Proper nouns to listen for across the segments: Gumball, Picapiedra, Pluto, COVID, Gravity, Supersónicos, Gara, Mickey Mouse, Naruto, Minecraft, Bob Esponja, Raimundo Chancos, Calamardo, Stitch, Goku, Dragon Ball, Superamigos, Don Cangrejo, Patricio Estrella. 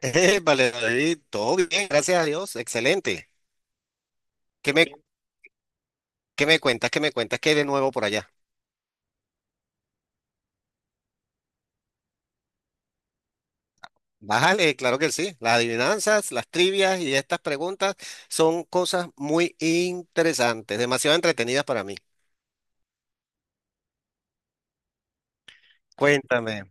Vale, David, todo bien, gracias a Dios, excelente. ¿Qué me, ¿Qué me cuentas? ¿Qué hay de nuevo por allá? Bájale, claro que sí. Las adivinanzas, las trivias y estas preguntas son cosas muy interesantes, demasiado entretenidas para mí. Cuéntame.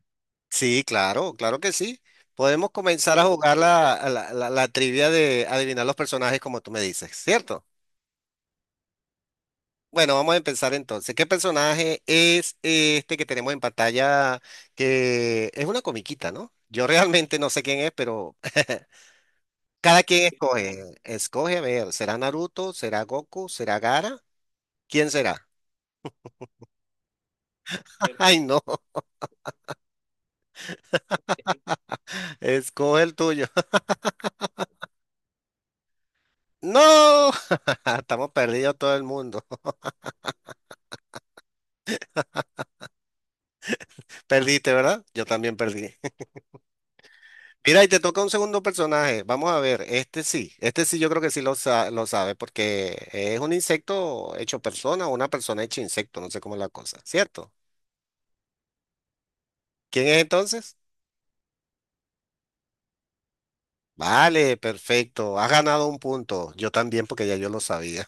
Sí, claro, claro que sí. Podemos comenzar a jugar la trivia de adivinar los personajes como tú me dices, ¿cierto? Bueno, vamos a empezar entonces. ¿Qué personaje es este que tenemos en pantalla que es una comiquita, ¿no? Yo realmente no sé quién es, pero cada quien escoge. Escoge, a ver, ¿será Naruto? ¿Será Goku? ¿Será Gara? ¿Quién será? Ay, no, escoge el tuyo. No, estamos perdidos todo el mundo. Perdiste, ¿verdad? Yo también perdí. Mira, y te toca un segundo personaje. Vamos a ver, este sí yo creo que sí lo sabe, porque es un insecto hecho persona o una persona hecha insecto, no sé cómo es la cosa, ¿cierto? ¿Quién es entonces? Vale, perfecto, has ganado un punto, yo también porque ya yo lo sabía.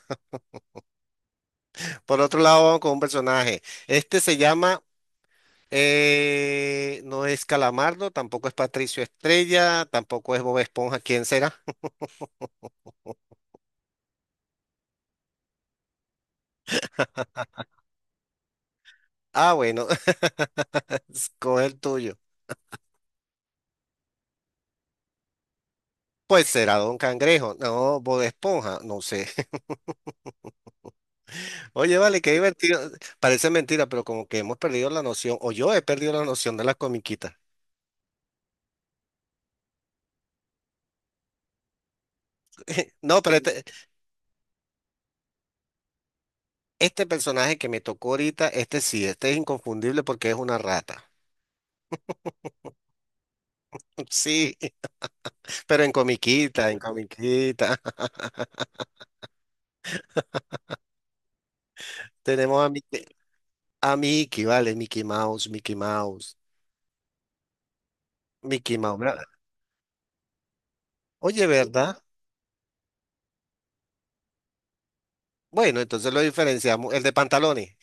Por otro lado, vamos con un personaje. Este se llama, no es Calamardo, tampoco es Patricio Estrella, tampoco es Bob Esponja, ¿quién será? Ah, bueno, con el tuyo. Pues será Don Cangrejo, no, Bob Esponja, no sé. Oye, vale, qué divertido. Parece mentira, pero como que hemos perdido la noción, o yo he perdido la noción de las comiquitas. No, pero este personaje que me tocó ahorita, este sí, este es inconfundible porque es una rata. Sí, pero en comiquita, en comiquita. Tenemos a Mickey, vale, Mickey Mouse, Mickey Mouse, Mickey Mouse. ¿Verdad? Oye, ¿verdad? Bueno, entonces lo diferenciamos, el de pantalones.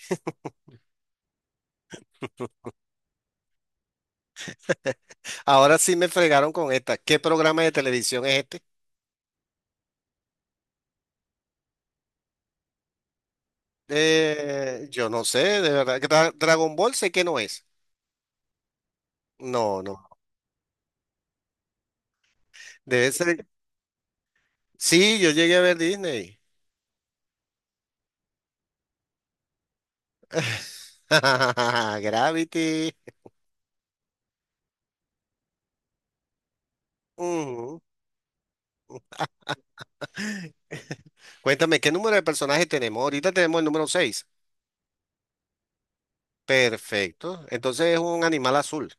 Ahora sí me fregaron con esta. ¿Qué programa de televisión es este? Yo no sé, de verdad. Dragon Ball sé que no es. No, no. Debe ser. Sí, yo llegué a ver Disney. Gravity. Ujú. Cuéntame, ¿qué número de personajes tenemos? Ahorita tenemos el número seis. Perfecto. Entonces es un animal azul,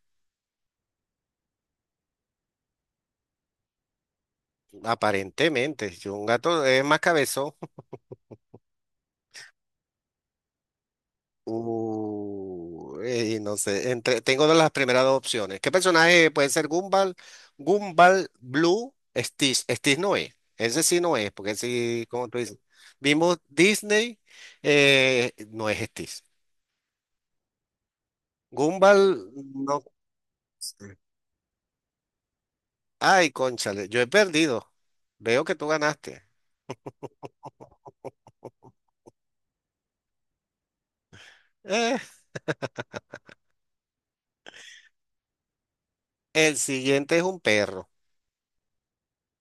aparentemente. Yo, un gato es más cabezón. No sé, entre, tengo de las primeras dos opciones. ¿Qué personaje puede ser Gumball? Gumball, Blue, Stitch. Stitch no es. Ese sí no es, porque sí, como tú dices. Vimos Disney, no es Stitch. Gumball, no sé. Ay, cónchale, yo he perdido. Veo que tú ganaste. Eh, el siguiente es un perro.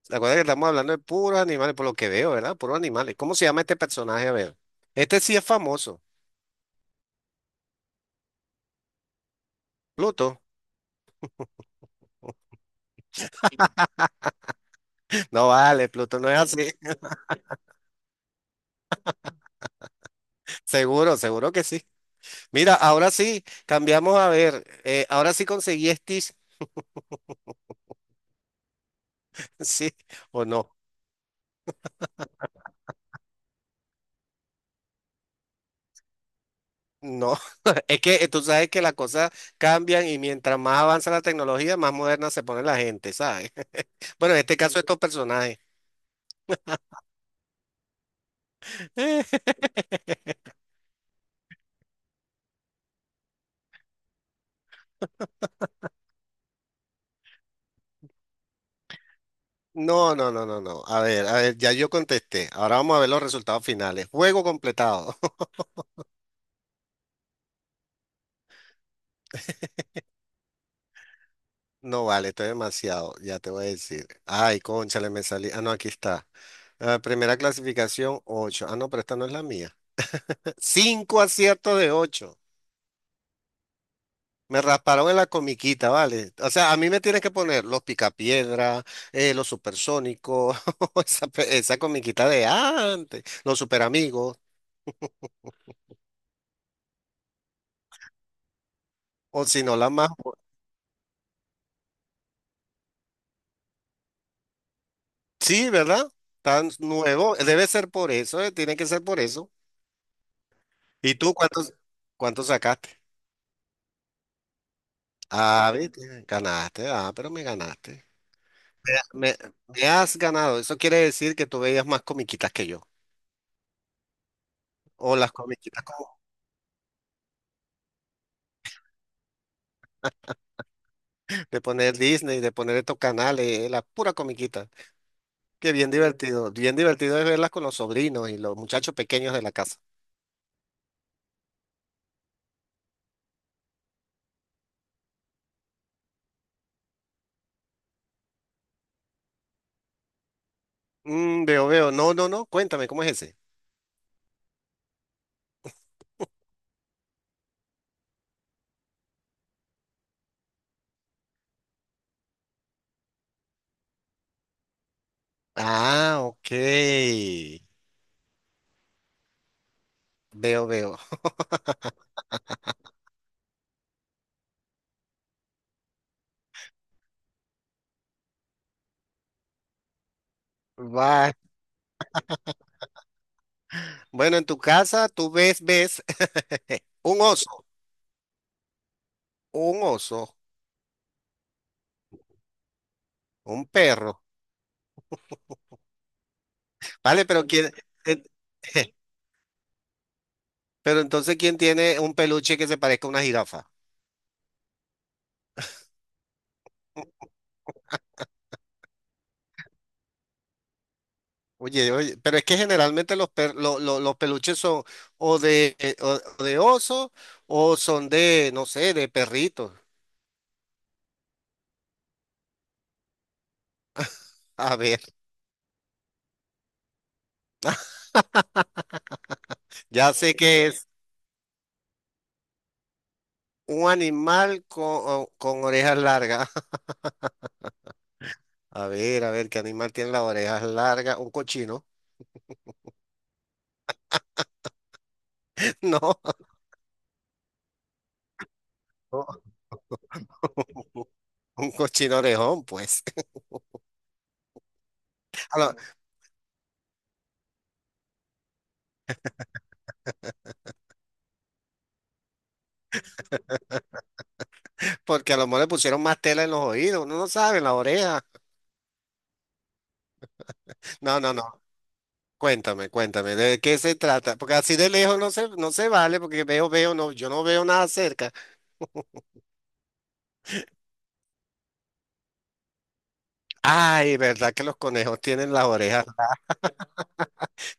Recuerda que estamos hablando de puros animales, por lo que veo, ¿verdad? Puros animales. ¿Cómo se llama este personaje? A ver. Este sí es famoso. Pluto. No vale, Pluto no es así. Seguro, seguro que sí. Mira, ahora sí, cambiamos a ver. Ahora sí conseguí Stitch, sí o no. No, es que tú sabes que las cosas cambian y mientras más avanza la tecnología, más moderna se pone la gente, ¿sabes? Bueno, en este caso estos personajes. No, no, no, no, no. A ver, ya yo contesté. Ahora vamos a ver los resultados finales. Juego completado. No vale, estoy demasiado, ya te voy a decir. Ay, cónchale, me salí. Ah, no, aquí está. Ah, primera clasificación, ocho. Ah, no, pero esta no es la mía. Cinco aciertos de ocho. Me rasparon en la comiquita, ¿vale? O sea, a mí me tienes que poner los picapiedra, los supersónicos, esa comiquita de antes, los superamigos, o si no, la más... Sí, ¿verdad? Tan nuevo, debe ser por eso, tiene que ser por eso. ¿Y tú cuántos, ¿cuántos sacaste? Ah, viste, ganaste, ah, pero me ganaste. Me, me me has ganado, eso quiere decir que tú veías más comiquitas que yo. O las comiquitas como de poner Disney, de poner estos canales, la pura comiquita. Que bien divertido es verlas con los sobrinos y los muchachos pequeños de la casa. Mm, veo, veo. No, no, no. Cuéntame, ¿cómo es ese? Ah, ok. Veo, veo. Va. Bueno, en tu casa tú ves, ves un oso, un oso, un perro. Vale, pero quién, eh, pero entonces, ¿quién tiene un peluche que se parezca a una jirafa? Oye, oye, pero es que generalmente los, per- lo- los peluches son o de oso o son de, no sé, de perritos. A ver, ya sé que es un animal con orejas largas. A ver, ¿qué animal tiene las orejas largas? Un cochino. No, un cochino orejón, pues. A lo- Porque a lo mejor le pusieron más tela en los oídos, uno no sabe, en la oreja. No, no, no. Cuéntame, cuéntame, ¿de qué se trata? Porque así de lejos no se vale, porque veo, veo, no, yo no veo nada cerca. Ay, ¿verdad que los conejos tienen las orejas?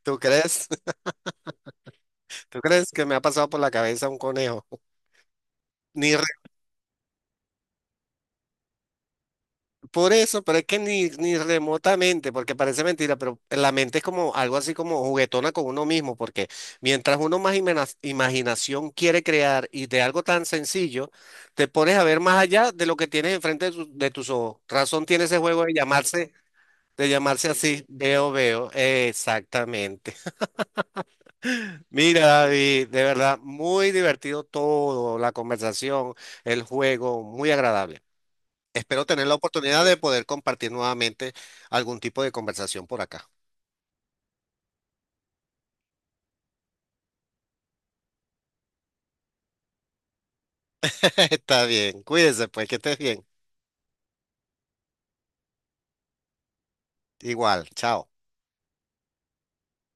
¿Tú crees? ¿Tú crees que me ha pasado por la cabeza un conejo? Ni re- Por eso, pero es que ni, ni remotamente, porque parece mentira, pero la mente es como algo así como juguetona con uno mismo, porque mientras uno más imaginación quiere crear y de algo tan sencillo, te pones a ver más allá de lo que tienes enfrente de, de tus ojos. Razón tiene ese juego de llamarse De llamarse así, sí. Veo Veo, exactamente. Mira, David, de verdad, muy divertido todo, la conversación, el juego, muy agradable. Espero tener la oportunidad de poder compartir nuevamente algún tipo de conversación por acá. Está bien, cuídese pues, que estés bien. Igual, chao.